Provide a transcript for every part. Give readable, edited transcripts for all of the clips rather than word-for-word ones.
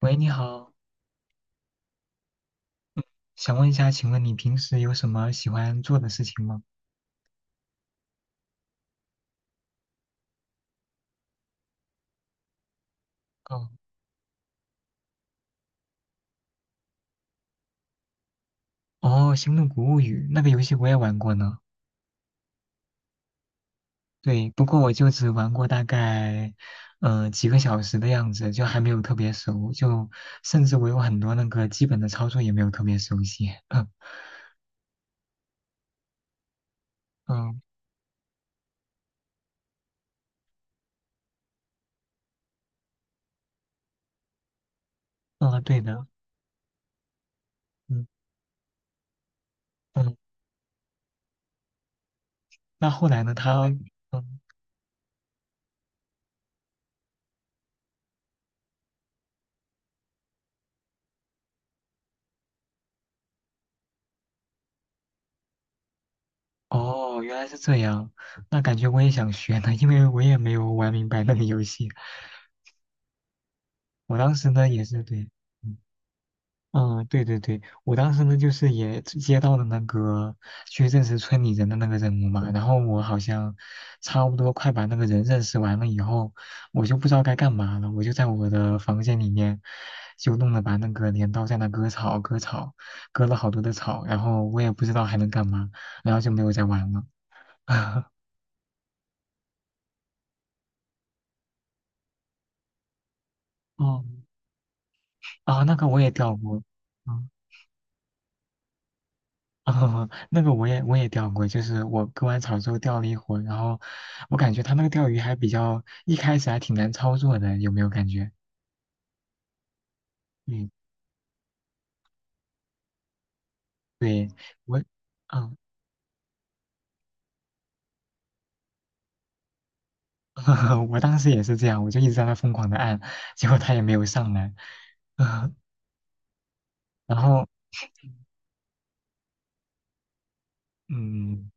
喂，你好，想问一下，请问你平时有什么喜欢做的事情吗？哦，哦，《星动谷物语》那个游戏我也玩过呢。对，不过我就只玩过大概，几个小时的样子，就还没有特别熟，就甚至我有很多那个基本的操作也没有特别熟悉。嗯嗯嗯，对的，嗯嗯。那后来呢？嗯，哦，原来是这样。那感觉我也想学呢，因为我也没有玩明白那个游戏。我当时呢也是对。嗯嗯，对对对，我当时呢就是也接到了那个去认识村里人的那个任务嘛，然后我好像差不多快把那个人认识完了以后，我就不知道该干嘛了，我就在我的房间里面就弄了把那个镰刀在那割草，割草，割了好多的草，然后我也不知道还能干嘛，然后就没有再玩了。哦，啊，那个我也掉过，嗯。啊，那个我也钓过，就是我割完草之后钓了一会儿，然后我感觉他那个钓鱼还比较，一开始还挺难操作的，有没有感觉？嗯，对，我，嗯，我当时也是这样，我就一直在那疯狂的按，结果他也没有上来，嗯，然后，嗯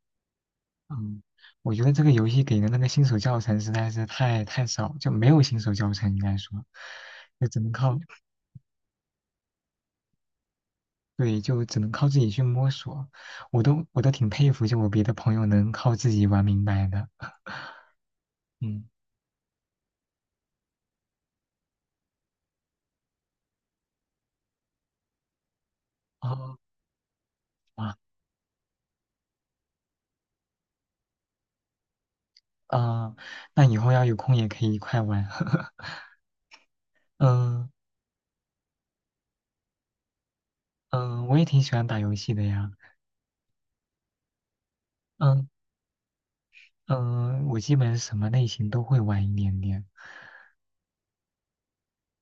嗯，我觉得这个游戏给的那个新手教程实在是太少，就没有新手教程应该说，就只能靠，对，就只能靠自己去摸索。我都挺佩服，就我别的朋友能靠自己玩明白的。嗯，哦，哇，啊，那以后要有空也可以一块玩。嗯嗯，我也挺喜欢打游戏的呀。嗯嗯，我基本什么类型都会玩一点点。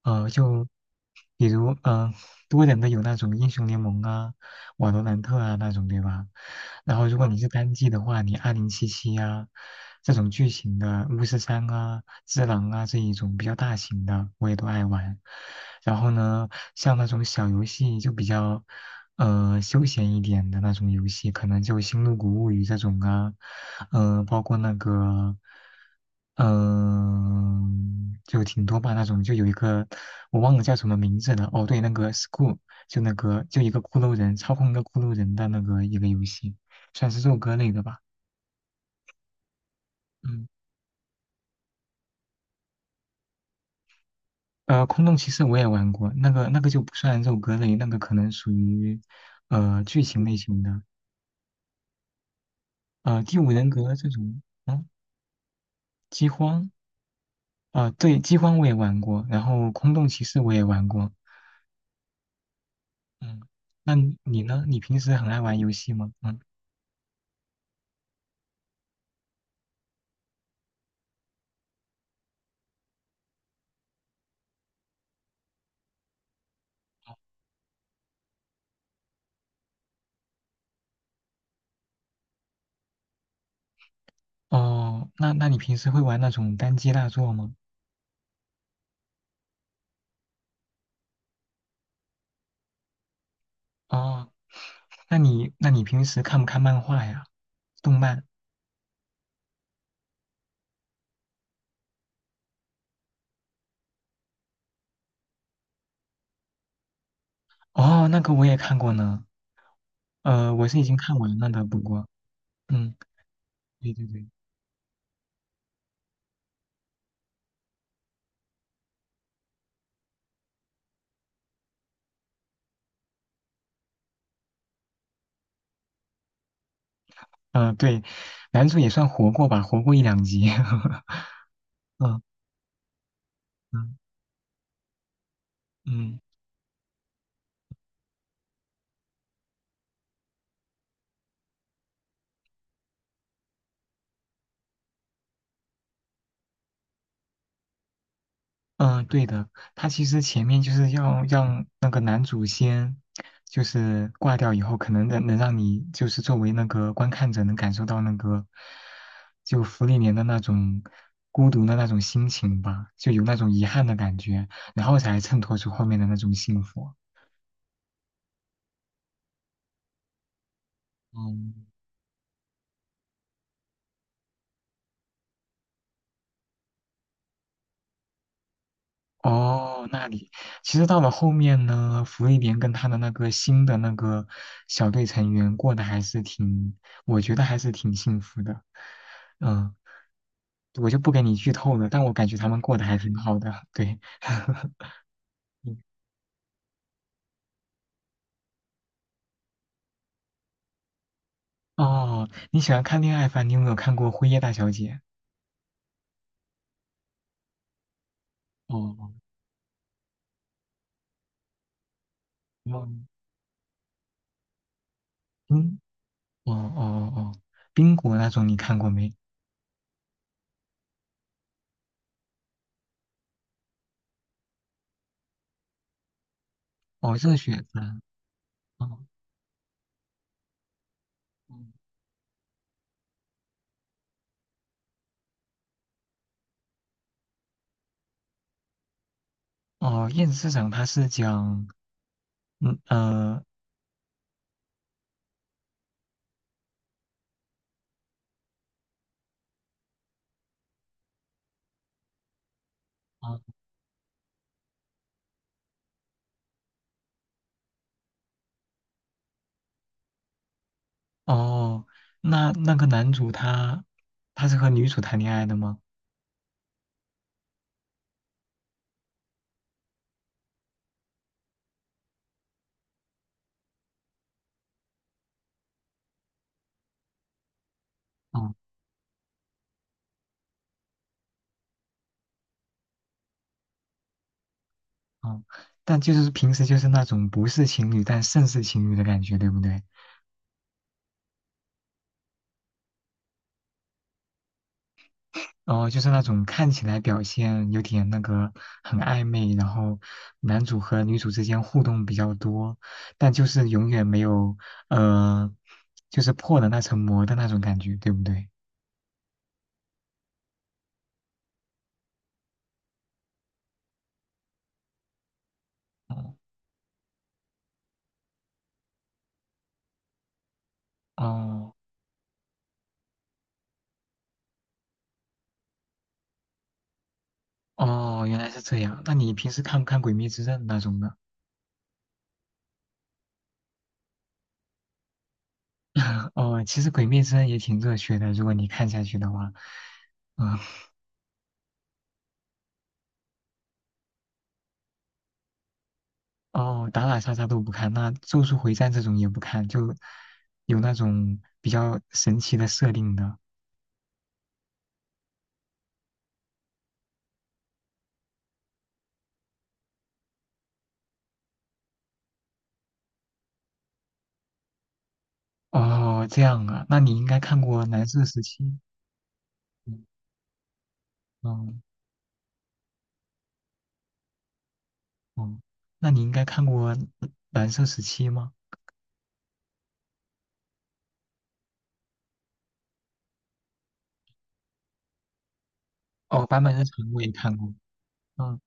就比如多人的有那种英雄联盟啊、瓦罗兰特啊那种，对吧？然后如果你是单机的话，你2077啊这种剧情的巫师三啊、只狼啊这一种比较大型的，我也都爱玩。然后呢，像那种小游戏就比较。休闲一点的那种游戏，可能就《星露谷物语》这种啊，包括那个，就挺多吧那种，就有一个我忘了叫什么名字了，哦，对，那个 School，就那个就一个骷髅人操控一个骷髅人的那个一个游戏，算是肉鸽类的吧，嗯，空洞骑士我也玩过，那个就不算肉鸽类，那个可能属于剧情类型的，第五人格这种，嗯，饥荒。啊，对，饥荒我也玩过，然后空洞骑士我也玩过。嗯，那你呢？你平时很爱玩游戏吗？嗯，哦，那你平时会玩那种单机大作吗？哦，那你平时看不看漫画呀？动漫？哦，那个我也看过呢。我是已经看完了的，不过，嗯，对对对，对，男主也算活过吧，活过一两集。嗯嗯嗯。嗯，对的，他其实前面就是要让那个男主先，就是挂掉以后，可能能让你就是作为那个观看者能感受到那个，就芙莉莲的那种孤独的那种心情吧，就有那种遗憾的感觉，然后才衬托出后面的那种幸福。嗯，哦，那里其实到了后面呢，芙莉莲跟他的那个新的那个小队成员过得还是挺，我觉得还是挺幸福的。嗯，我就不给你剧透了，但我感觉他们过得还挺好的。对，嗯哦，你喜欢看恋爱番，你有没有看过《辉夜大小姐》？哦，哦，嗯，哦哦哦，冰果那种你看过没？哦，热血番。哦嗯哦，燕子市长他是讲，嗯哦，哦那个男主他是和女主谈恋爱的吗？哦哦，但就是平时就是那种不是情侣但胜似情侣的感觉，对不对？然后就是那种看起来表现有点那个很暧昧，然后男主和女主之间互动比较多，但就是永远没有呃，就是破的那层膜的那种感觉，对不对？哦哦哦，原来是这样。那你平时看不看《鬼灭之刃》那种的？哦，其实《鬼灭之刃》也挺热血的，如果你看下去的话，嗯，哦，打打杀杀都不看，那《咒术回战》这种也不看，就有那种比较神奇的设定的。哦，这样啊，那你应该看过蓝色时期，嗯嗯哦那你应该看过蓝色时期吗？哦，版本日常我也看过，嗯，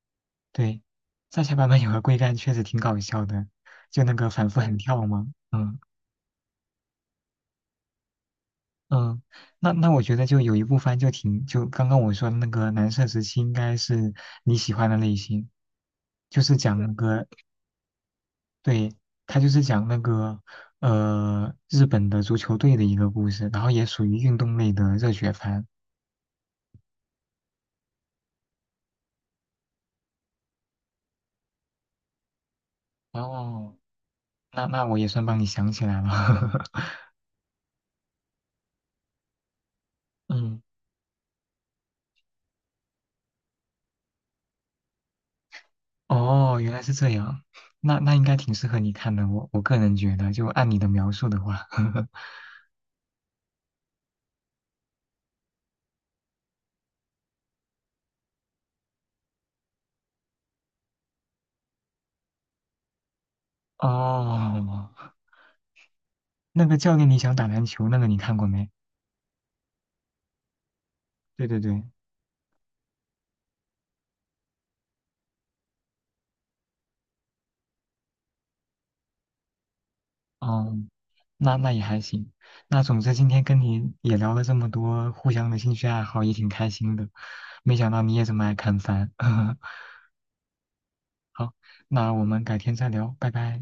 对，在下版本有个龟干确实挺搞笑的，就那个反复横跳嘛，嗯嗯，那我觉得就有一部番就挺，就刚刚我说的那个蓝色时期应该是你喜欢的类型，就是讲那个对，他就是讲那个日本的足球队的一个故事，然后也属于运动类的热血番。哦，那我也算帮你想起来了。嗯，哦，原来是这样，那应该挺适合你看的，我个人觉得，就按你的描述的话，哦，那个教练你想打篮球那个你看过没？对对对，哦，那也还行。那总之今天跟你也聊了这么多互相的兴趣爱好，也挺开心的。没想到你也这么爱看番。好，那我们改天再聊，拜拜。